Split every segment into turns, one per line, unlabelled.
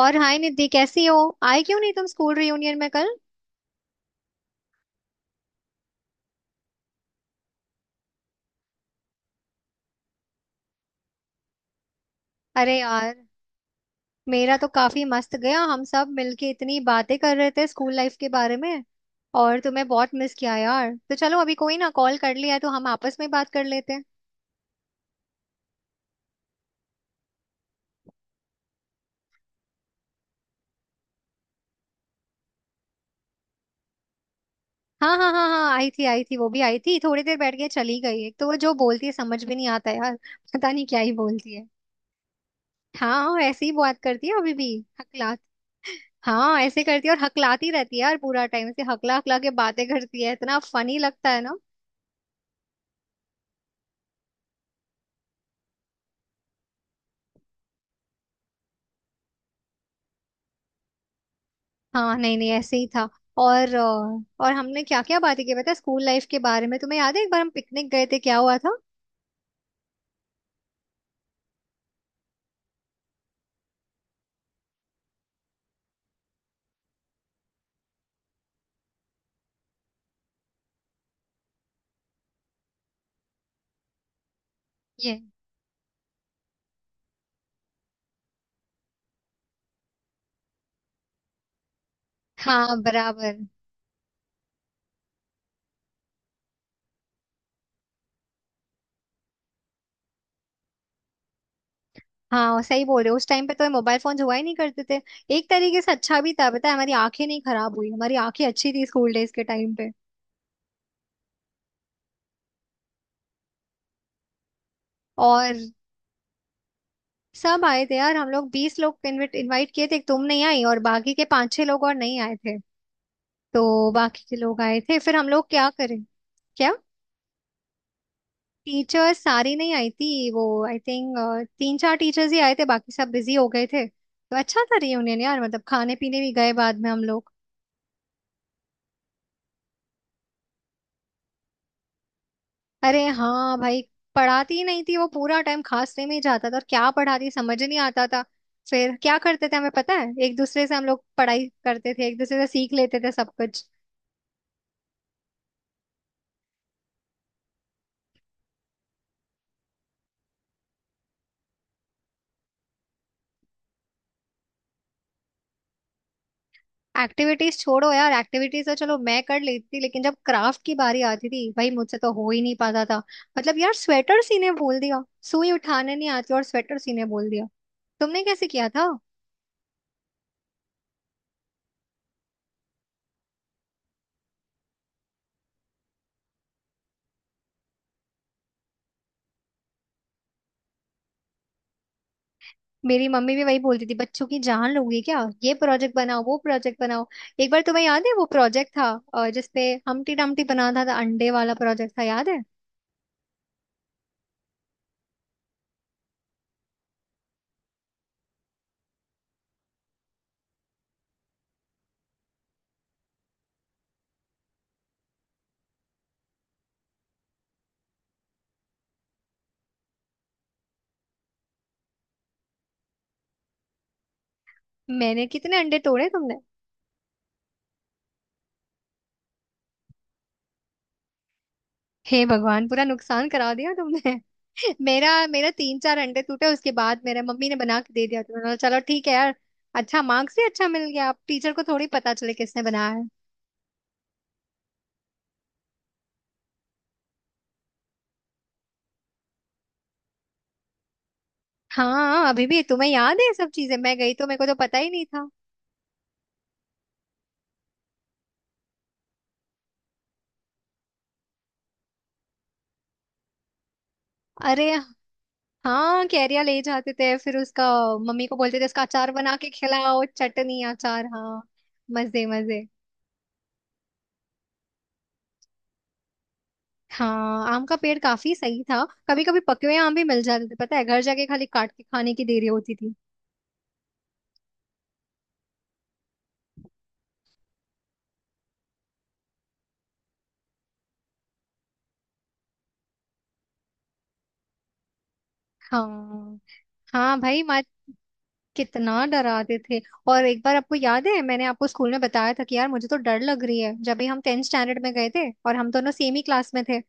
और हाय निधि, कैसी हो? आए क्यों नहीं तुम स्कूल रियूनियन में कल? अरे यार, मेरा तो काफी मस्त गया। हम सब मिलके इतनी बातें कर रहे थे स्कूल लाइफ के बारे में। और तुम्हें बहुत मिस किया यार। तो चलो, अभी कोई ना, कॉल कर लिया है तो हम आपस में बात कर लेते हैं। हाँ हाँ हाँ हाँ, आई थी आई थी, वो भी आई थी। थोड़ी देर बैठ के चली गई। एक तो वो जो बोलती है समझ भी नहीं आता यार पता नहीं क्या ही बोलती है। हाँ, ऐसे ही बात करती है अभी भी। हकलात। हाँ ऐसे करती है और हकलाती रहती है यार। पूरा टाइम से हकला हकला के बातें करती है। इतना फनी लगता है ना। हाँ नहीं नहीं, ऐसे ही था। और और हमने क्या क्या बातें की पता है स्कूल लाइफ के बारे में। तुम्हें याद है एक बार हम पिकनिक गए थे, क्या हुआ था? ये। हाँ बराबर। हाँ सही बोल रहे हो, उस टाइम पे तो मोबाइल फोन हुआ ही नहीं करते थे। एक तरीके से अच्छा भी था पता है, हमारी आंखें नहीं खराब हुई। हमारी आंखें अच्छी थी स्कूल डेज के टाइम पे। और सब आए थे यार। हम लोग 20 लोग इनविट इनवाइट किए थे, तुम नहीं आई और बाकी के पांच छह लोग और नहीं आए थे। तो बाकी के लोग आए थे। फिर हम लोग क्या करें? क्या? टीचर्स सारी नहीं आई थी। वो आई थिंक तीन चार टीचर्स ही आए थे। बाकी सब बिजी हो गए थे। तो अच्छा था रियूनियन यार, मतलब खाने पीने भी गए बाद में हम लोग। अरे हाँ भाई, पढ़ाती ही नहीं थी वो। पूरा टाइम खांसने में ही जाता था और क्या पढ़ाती समझ ही नहीं आता था। फिर क्या करते थे हमें पता है, एक दूसरे से हम लोग पढ़ाई करते थे। एक दूसरे से सीख लेते थे सब कुछ। एक्टिविटीज छोड़ो यार, एक्टिविटीज तो चलो मैं कर लेती थी, लेकिन जब क्राफ्ट की बारी आती थी भाई मुझसे तो हो ही नहीं पाता था। मतलब यार, स्वेटर सीने बोल दिया। सुई उठाने नहीं आती और स्वेटर सीने बोल दिया। तुमने कैसे किया था? मेरी मम्मी भी वही बोलती थी, बच्चों की जान लोगे क्या? ये प्रोजेक्ट बनाओ वो प्रोजेक्ट बनाओ। एक बार तुम्हें याद है वो प्रोजेक्ट था जिसपे हमटी डमटी बना था, अंडे वाला प्रोजेक्ट था याद है? मैंने कितने अंडे तोड़े तुमने? हे भगवान, पूरा नुकसान करा दिया तुमने। मेरा मेरा तीन चार अंडे टूटे, उसके बाद मेरे मम्मी ने बना के दे दिया। तुमने बोला, चलो ठीक है यार। अच्छा मार्क्स भी अच्छा मिल गया, अब टीचर को थोड़ी पता चले किसने बनाया है। हाँ अभी भी तुम्हें याद है ये सब चीजें। मैं गई तो मेरे को तो पता ही नहीं था। अरे हाँ, कैरिया ले जाते थे। फिर उसका मम्मी को बोलते थे इसका अचार बना के खिलाओ, चटनी, अचार। हाँ मजे मजे। हाँ, आम का पेड़ काफी सही था। कभी कभी पके हुए आम भी मिल जाते थे पता है। घर जाके खाली काट के खाने की देरी होती थी। हाँ हाँ भाई माँ, कितना डराते थे। और एक बार आपको याद है मैंने आपको स्कूल में बताया था कि यार मुझे तो डर लग रही है। जब भी हम टेंथ स्टैंडर्ड में गए थे और हम दोनों सेम ही क्लास में थे,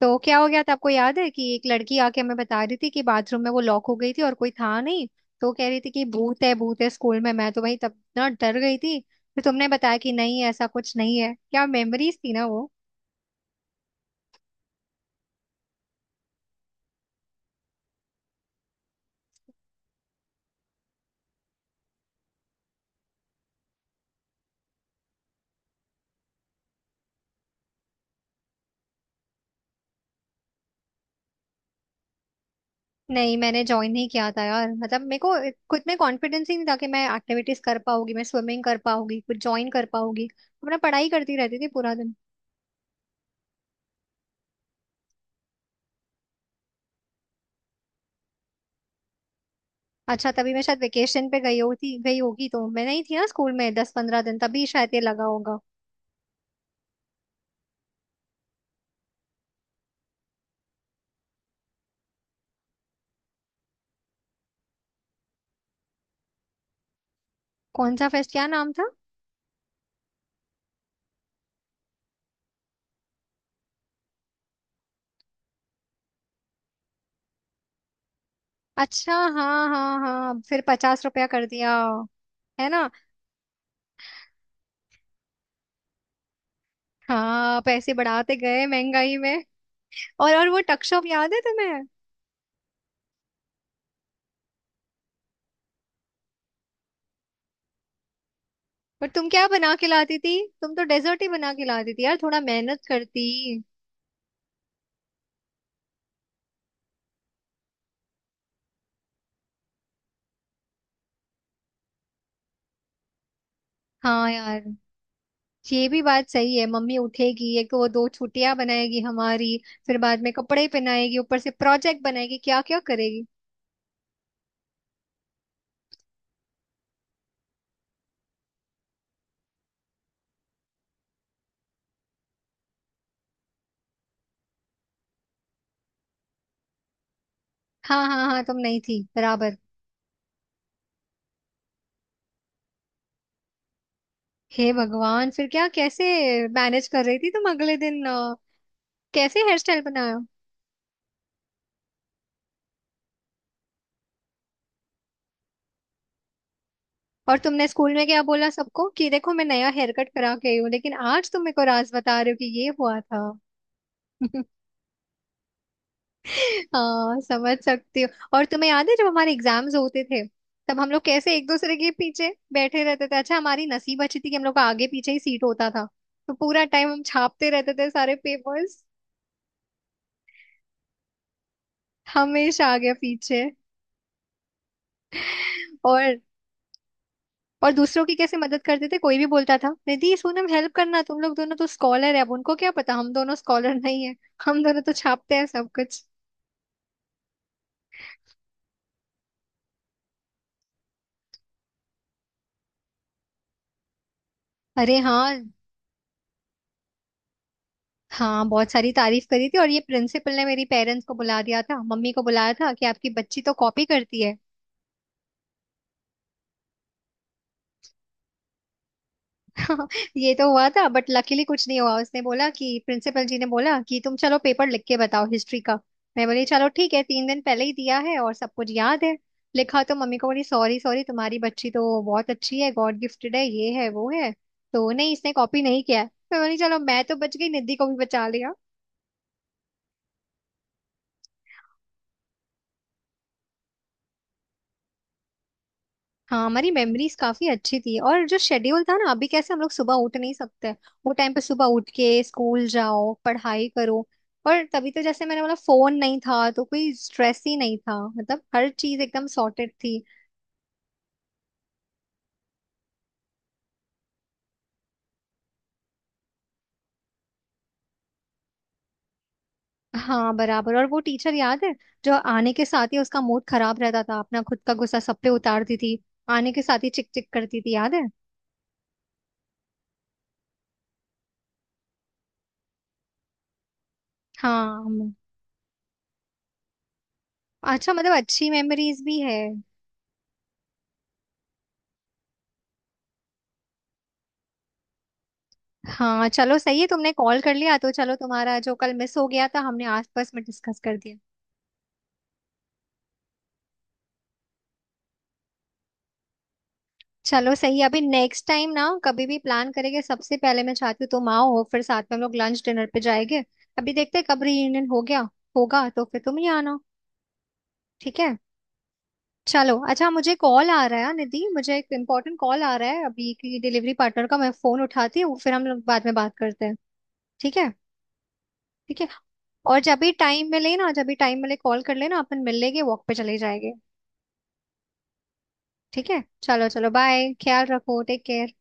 तो क्या हो गया था आपको याद है? कि एक लड़की आके हमें बता रही थी कि बाथरूम में वो लॉक हो गई थी और कोई था नहीं, तो कह रही थी कि भूत है स्कूल में। मैं तो भाई तब इतना डर गई थी, फिर तुमने बताया कि नहीं ऐसा कुछ नहीं है। क्या मेमोरीज थी ना। नहीं मैंने ज्वाइन नहीं किया था यार, मतलब मेरे को खुद में कॉन्फिडेंस ही नहीं था कि मैं एक्टिविटीज कर पाऊंगी, मैं स्विमिंग कर पाऊंगी, कुछ ज्वाइन कर पाऊंगी। तो मैं पढ़ाई करती रहती थी पूरा दिन। अच्छा, तभी मैं शायद वेकेशन पे गई होगी, तो मैं नहीं थी ना स्कूल में 10 15 दिन, तभी शायद ये लगा होगा। कौन सा फेस्ट, क्या नाम था? अच्छा हाँ हाँ हाँ, फिर 50 रुपया कर दिया। है ना। हाँ पैसे बढ़ाते गए महंगाई में। और वो टकशॉप याद है तुम्हें? पर तुम क्या बना के लाती थी? तुम तो डेजर्ट ही बना के लाती थी यार, थोड़ा मेहनत करती। हाँ यार। ये भी बात सही है, मम्मी उठेगी एक तो वो दो छुट्टियां बनाएगी हमारी, फिर बाद में कपड़े पहनाएगी, ऊपर से प्रोजेक्ट बनाएगी, क्या क्या करेगी। हाँ हाँ हाँ, तुम नहीं थी बराबर। हे भगवान, फिर क्या, कैसे मैनेज कर रही थी तुम अगले दिन? कैसे हेयर स्टाइल बनाया? और तुमने स्कूल में क्या बोला सबको कि देखो मैं नया हेयर कट करा के आई हूँ, लेकिन आज तुम मेरे को राज बता रहे हो कि ये हुआ था। हाँ समझ सकती हूँ। और तुम्हें याद है जब हमारे एग्जाम्स होते थे, तब हम लोग कैसे एक दूसरे के पीछे बैठे रहते थे। अच्छा हमारी नसीब अच्छी थी कि हम लोग का आगे पीछे ही सीट होता था। तो पूरा टाइम हम छापते रहते थे सारे पेपर्स। हमेशा आगे पीछे। और और दूसरों की कैसे मदद करते थे। कोई भी बोलता था निधि सुन, हम हेल्प करना, तुम लोग दोनों तो स्कॉलर है। अब उनको क्या पता हम दोनों स्कॉलर नहीं है, हम दोनों तो छापते हैं सब कुछ। अरे हाँ। हाँ बहुत सारी तारीफ करी थी। और ये प्रिंसिपल ने मेरी पेरेंट्स को बुला दिया था, मम्मी को बुलाया था कि आपकी बच्ची तो कॉपी करती है। ये तो हुआ था, बट लकीली कुछ नहीं हुआ। उसने बोला कि प्रिंसिपल जी ने बोला कि तुम चलो पेपर लिख के बताओ हिस्ट्री का। मैं बोली चलो ठीक है, 3 दिन पहले ही दिया है और सब कुछ याद है। लिखा तो मम्मी को बोली सॉरी सॉरी, तुम्हारी बच्ची तो बहुत अच्छी है, गॉड गिफ्टेड है, ये है वो है, तो नहीं इसने कॉपी नहीं किया है। मैं बोली चलो मैं तो बच गई, निधि को भी बचा। हाँ हमारी मेमोरीज काफी अच्छी थी। और जो शेड्यूल था ना, अभी कैसे हम लोग सुबह उठ नहीं सकते, वो टाइम पे सुबह उठ के स्कूल जाओ पढ़ाई करो। और तभी तो जैसे मैंने बोला, फोन नहीं था तो कोई स्ट्रेस ही नहीं था, मतलब हर चीज एकदम सॉर्टेड थी। हाँ बराबर। और वो टीचर याद है जो आने के साथ ही उसका मूड खराब रहता था, अपना खुद का गुस्सा सब पे उतारती थी। आने के साथ ही चिक चिक करती थी, याद है? हाँ। अच्छा, मतलब अच्छी मेमोरीज भी है। हाँ चलो सही है, तुमने कॉल कर लिया तो चलो, तुम्हारा जो कल मिस हो गया था हमने आसपास में डिस्कस कर दिया। चलो सही है, अभी नेक्स्ट टाइम ना, कभी भी प्लान करेंगे, सबसे पहले मैं चाहती हूँ तुम आओ, फिर साथ में हम लोग लंच डिनर पे जाएंगे। अभी देखते हैं कब रीयूनियन हो गया, होगा तो फिर तुम ही आना। ठीक है। चलो अच्छा, मुझे कॉल आ रहा है निधि, मुझे एक इम्पोर्टेंट कॉल आ रहा है अभी की डिलीवरी पार्टनर का, मैं फोन उठाती हूँ फिर हम लोग बाद में बात करते हैं। ठीक है। ठीक है, और जब भी टाइम मिले ना, जब भी टाइम मिले कॉल कर लेना, अपन मिल लेंगे, वॉक पे चले जाएंगे। ठीक है, चलो चलो बाय, ख्याल रखो, टेक केयर।